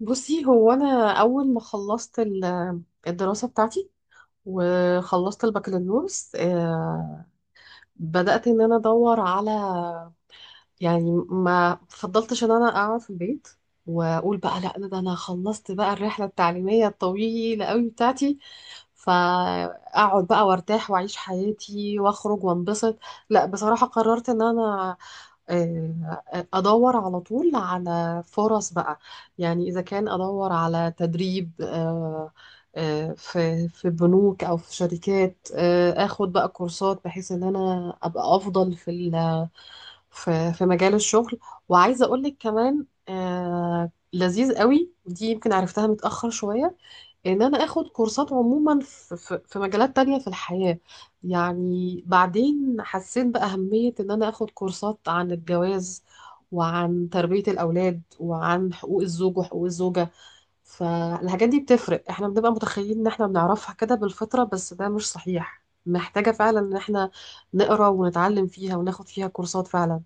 بصي هو انا اول ما خلصت الدراسه بتاعتي وخلصت البكالوريوس بدات ان انا ادور على، يعني ما فضلتش ان انا اقعد في البيت واقول بقى لا ده انا خلصت بقى الرحله التعليميه الطويله قوي بتاعتي، فاقعد بقى وارتاح واعيش حياتي واخرج وانبسط. لا، بصراحه قررت ان انا آه، ادور على طول على فرص بقى، يعني اذا كان ادور على تدريب، في بنوك او في شركات، اخد بقى كورسات بحيث ان انا ابقى افضل في في في مجال الشغل. وعايزه اقول لك كمان، لذيذ قوي دي، يمكن عرفتها متاخر شويه، ان انا اخد كورسات عموما في مجالات تانية في الحياة. يعني بعدين حسيت بأهمية ان انا اخد كورسات عن الجواز وعن تربية الاولاد وعن حقوق الزوج وحقوق الزوجة. فالحاجات دي بتفرق، احنا بنبقى متخيلين ان احنا بنعرفها كده بالفطرة، بس ده مش صحيح، محتاجة فعلا ان احنا نقرا ونتعلم فيها وناخد فيها كورسات فعلا.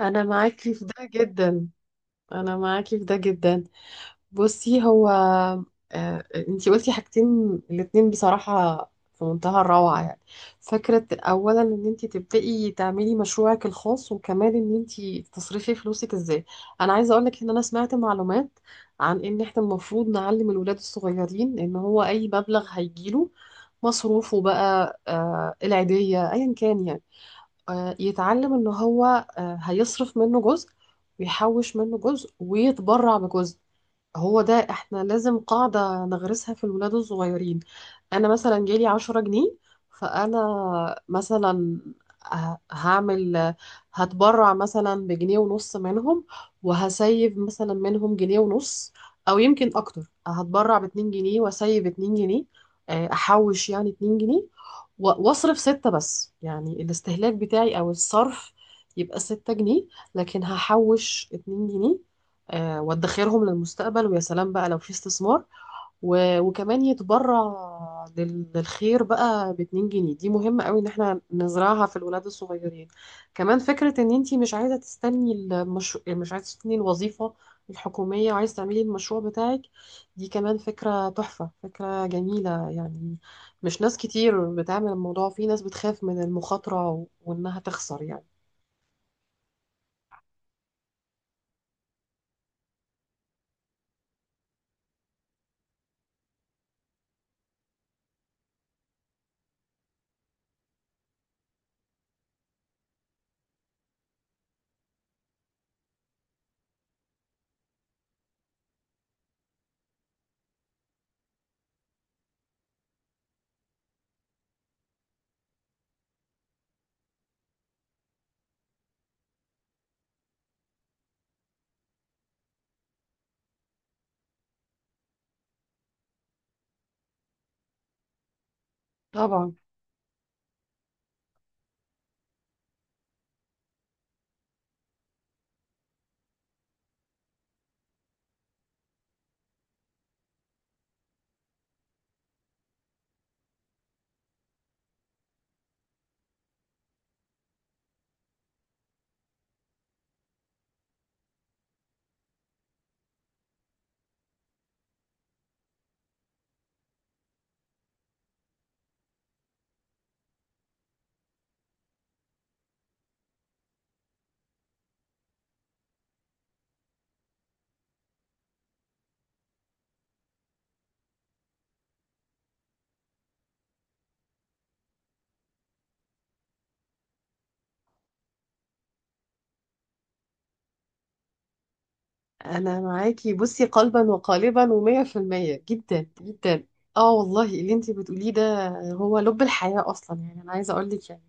انا معاكي في ده جدا. انا معاكي في ده جدا. بصي هو، انتي قلتي حاجتين، الاتنين بصراحة في منتهى الروعة يعني. فكرة اولا ان انتي تبدأي تعملي مشروعك الخاص، وكمان ان انتي تصرفي فلوسك ازاي. انا عايزة اقولك ان انا سمعت معلومات عن ان احنا المفروض نعلم الولاد الصغيرين ان هو اي مبلغ هيجيله، مصروفه بقى، العيدية، ايا كان يعني، يتعلم ان هو هيصرف منه جزء ويحوش منه جزء ويتبرع بجزء. هو ده احنا لازم قاعدة نغرسها في الولاد الصغيرين. انا مثلا جالي 10 جنيه، فانا مثلا هعمل، هتبرع مثلا بجنيه ونص منهم وهسيب مثلا منهم جنيه ونص، او يمكن اكتر هتبرع باتنين جنيه واسيب اتنين جنيه، احوش يعني اتنين جنيه واصرف 6. بس يعني الاستهلاك بتاعي او الصرف يبقى 6 جنيه، لكن هحوش اتنين جنيه، وادخرهم للمستقبل، ويا سلام بقى لو في استثمار، وكمان يتبرع للخير بقى باتنين جنيه. دي مهمة قوي ان احنا نزرعها في الولاد الصغيرين. كمان فكرة ان انتي مش عايزة تستني المشروع، مش عايزة تستني الوظيفة الحكومية وعايزة تعملي المشروع بتاعك، دي كمان فكرة تحفة، فكرة جميلة يعني. مش ناس كتير بتعمل الموضوع، في ناس بتخاف من المخاطرة وانها تخسر يعني. طبعا. انا معاكي بصي قلبا وقالبا ومية في المية، جدا جدا. اه والله اللي انتي بتقوليه ده هو لب الحياة اصلا، يعني انا عايزة اقولك يعني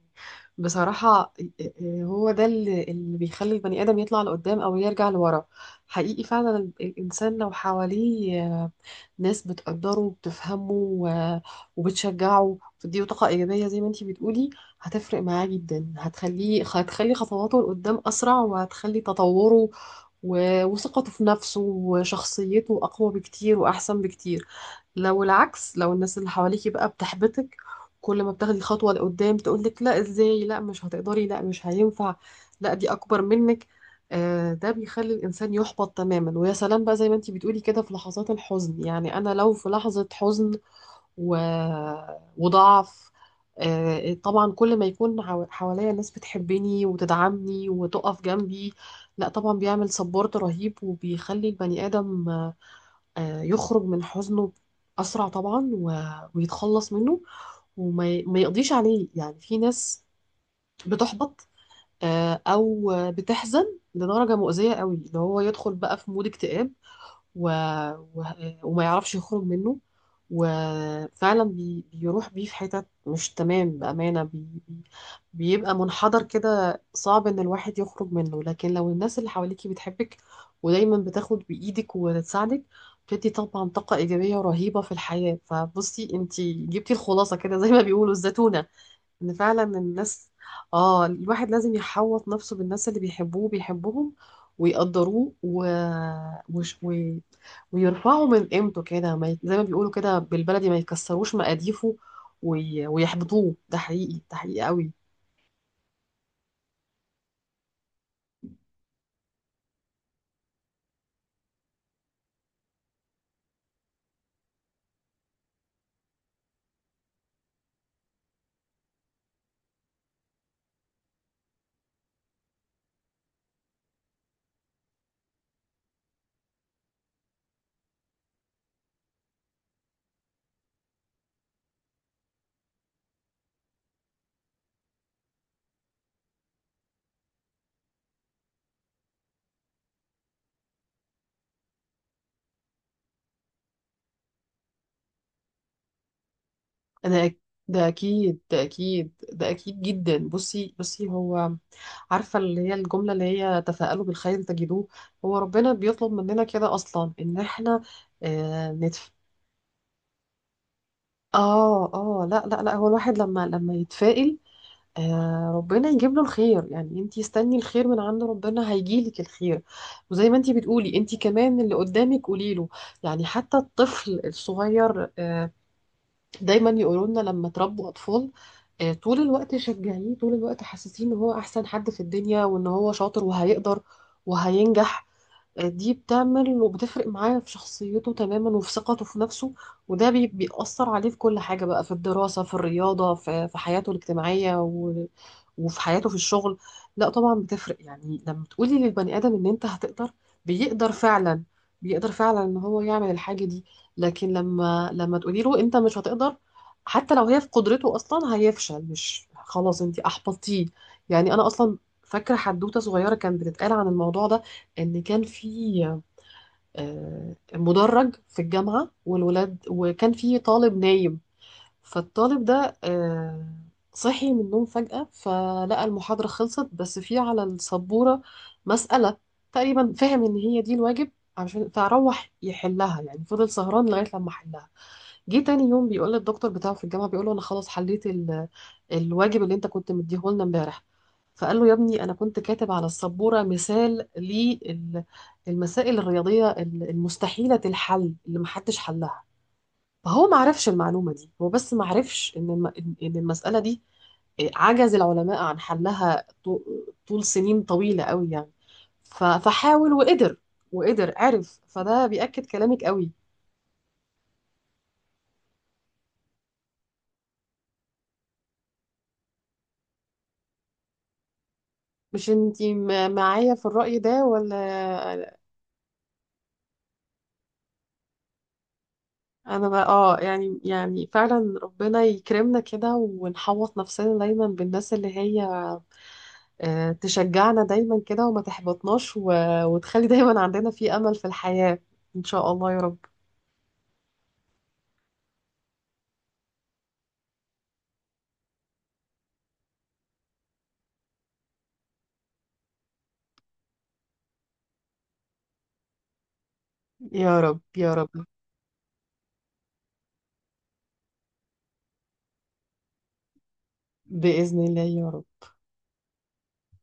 بصراحة، هو ده اللي بيخلي البني ادم يطلع لقدام او يرجع لورا. حقيقي فعلا الانسان لو حواليه ناس بتقدره وبتفهمه وبتشجعه وبتديله طاقة إيجابية زي ما انتي بتقولي، هتفرق معاه جدا، هتخلي خطواته لقدام أسرع، وهتخلي تطوره وثقته في نفسه وشخصيته أقوى بكتير وأحسن بكتير. لو العكس، لو الناس اللي حواليكي بقى بتحبطك، كل ما بتاخدي خطوة لقدام تقولك لا ازاي، لا مش هتقدري، لا مش هينفع، لا دي اكبر منك، ده بيخلي الانسان يحبط تماما. ويا سلام بقى زي ما انتي بتقولي كده في لحظات الحزن، يعني انا لو في لحظة حزن و... وضعف، طبعا كل ما يكون حواليا ناس بتحبني وتدعمني وتقف جنبي، لا طبعا بيعمل سبورت رهيب وبيخلي البني ادم، يخرج من حزنه أسرع طبعا ويتخلص منه، ما يقضيش عليه. يعني في ناس بتحبط، أو بتحزن لدرجة مؤذية قوي، اللي هو يدخل بقى في مود اكتئاب و... و... وما يعرفش يخرج منه، وفعلا بيروح بيه في حتت مش تمام، بأمانة بيبقى منحدر كده صعب إن الواحد يخرج منه. لكن لو الناس اللي حواليكي بتحبك ودايما بتاخد بإيدك وتساعدك، بتدي طبعا طاقة إيجابية رهيبة في الحياة. فبصي، انتي جبتي الخلاصة كده زي ما بيقولوا الزتونة، ان فعلا الناس، اه الواحد لازم يحوط نفسه بالناس اللي بيحبوه وبيحبهم ويقدروه وش... و... ويرفعوا من قيمته كده، ما ي... زي ما بيقولوا كده بالبلدي، ما يكسروش مقاديفه ويحبطوه. ده حقيقي، ده حقيقي قوي. انا أك- ده اكيد، ده اكيد جدا. بصي، هو، عارفه اللي هي الجمله اللي هي تفاءلوا بالخير تجدوه، هو ربنا بيطلب مننا كده اصلا ان احنا، اه لا لا لا، هو الواحد لما يتفائل، آه ربنا يجيب له الخير. يعني انتي استني الخير من عند ربنا هيجيلك الخير، وزي ما انتي بتقولي انتي كمان اللي قدامك قولي له، يعني حتى الطفل الصغير، آه دايما يقولوا لنا لما تربوا اطفال، آه طول الوقت شجعيه، طول الوقت حسسيه ان هو احسن حد في الدنيا وان هو شاطر وهيقدر وهينجح. دي بتعمل وبتفرق معاه في شخصيته تماما وفي ثقته في نفسه، وده بيأثر عليه في كل حاجة بقى، في الدراسة، في الرياضة، في حياته الاجتماعية وفي حياته في الشغل. لا طبعا بتفرق، يعني لما تقولي للبني آدم ان انت هتقدر، بيقدر فعلا، بيقدر فعلا ان هو يعمل الحاجة دي. لكن لما تقولي له انت مش هتقدر، حتى لو هي في قدرته اصلا هيفشل، مش خلاص انت احبطتيه. يعني انا اصلا فاكرة حدوتة صغيرة كانت بتتقال عن الموضوع ده، ان كان في مدرج في الجامعه والولاد، وكان في طالب نايم، فالطالب ده صحي من النوم فجاه، فلقى المحاضره خلصت بس في على السبوره مساله، تقريبا فهم ان هي دي الواجب عشان فروح يحلها، يعني فضل سهران لغايه لما حلها. جه تاني يوم بيقول للدكتور بتاعه في الجامعه، بيقول له انا خلاص حليت الواجب اللي انت كنت مديه لنا امبارح. فقال له يا ابني انا كنت كاتب على السبوره مثال للمسائل الرياضيه المستحيله الحل اللي محدش حلها. فهو ما عرفش المعلومه دي، هو بس ما عرفش ان إن المساله دي عجز العلماء عن حلها طول سنين طويله قوي يعني. فحاول وقدر، عرف، فده بيأكد كلامك قوي. مش انتي معايا في الرأي ده ولا؟ انا بقى اه يعني، يعني فعلا ربنا يكرمنا كده ونحوط نفسنا دايما بالناس اللي هي تشجعنا دايما كده وما تحبطناش وتخلي دايما عندنا في امل في الحياة. ان شاء الله يا رب، يا رب يا رب. بإذن الله يا رب.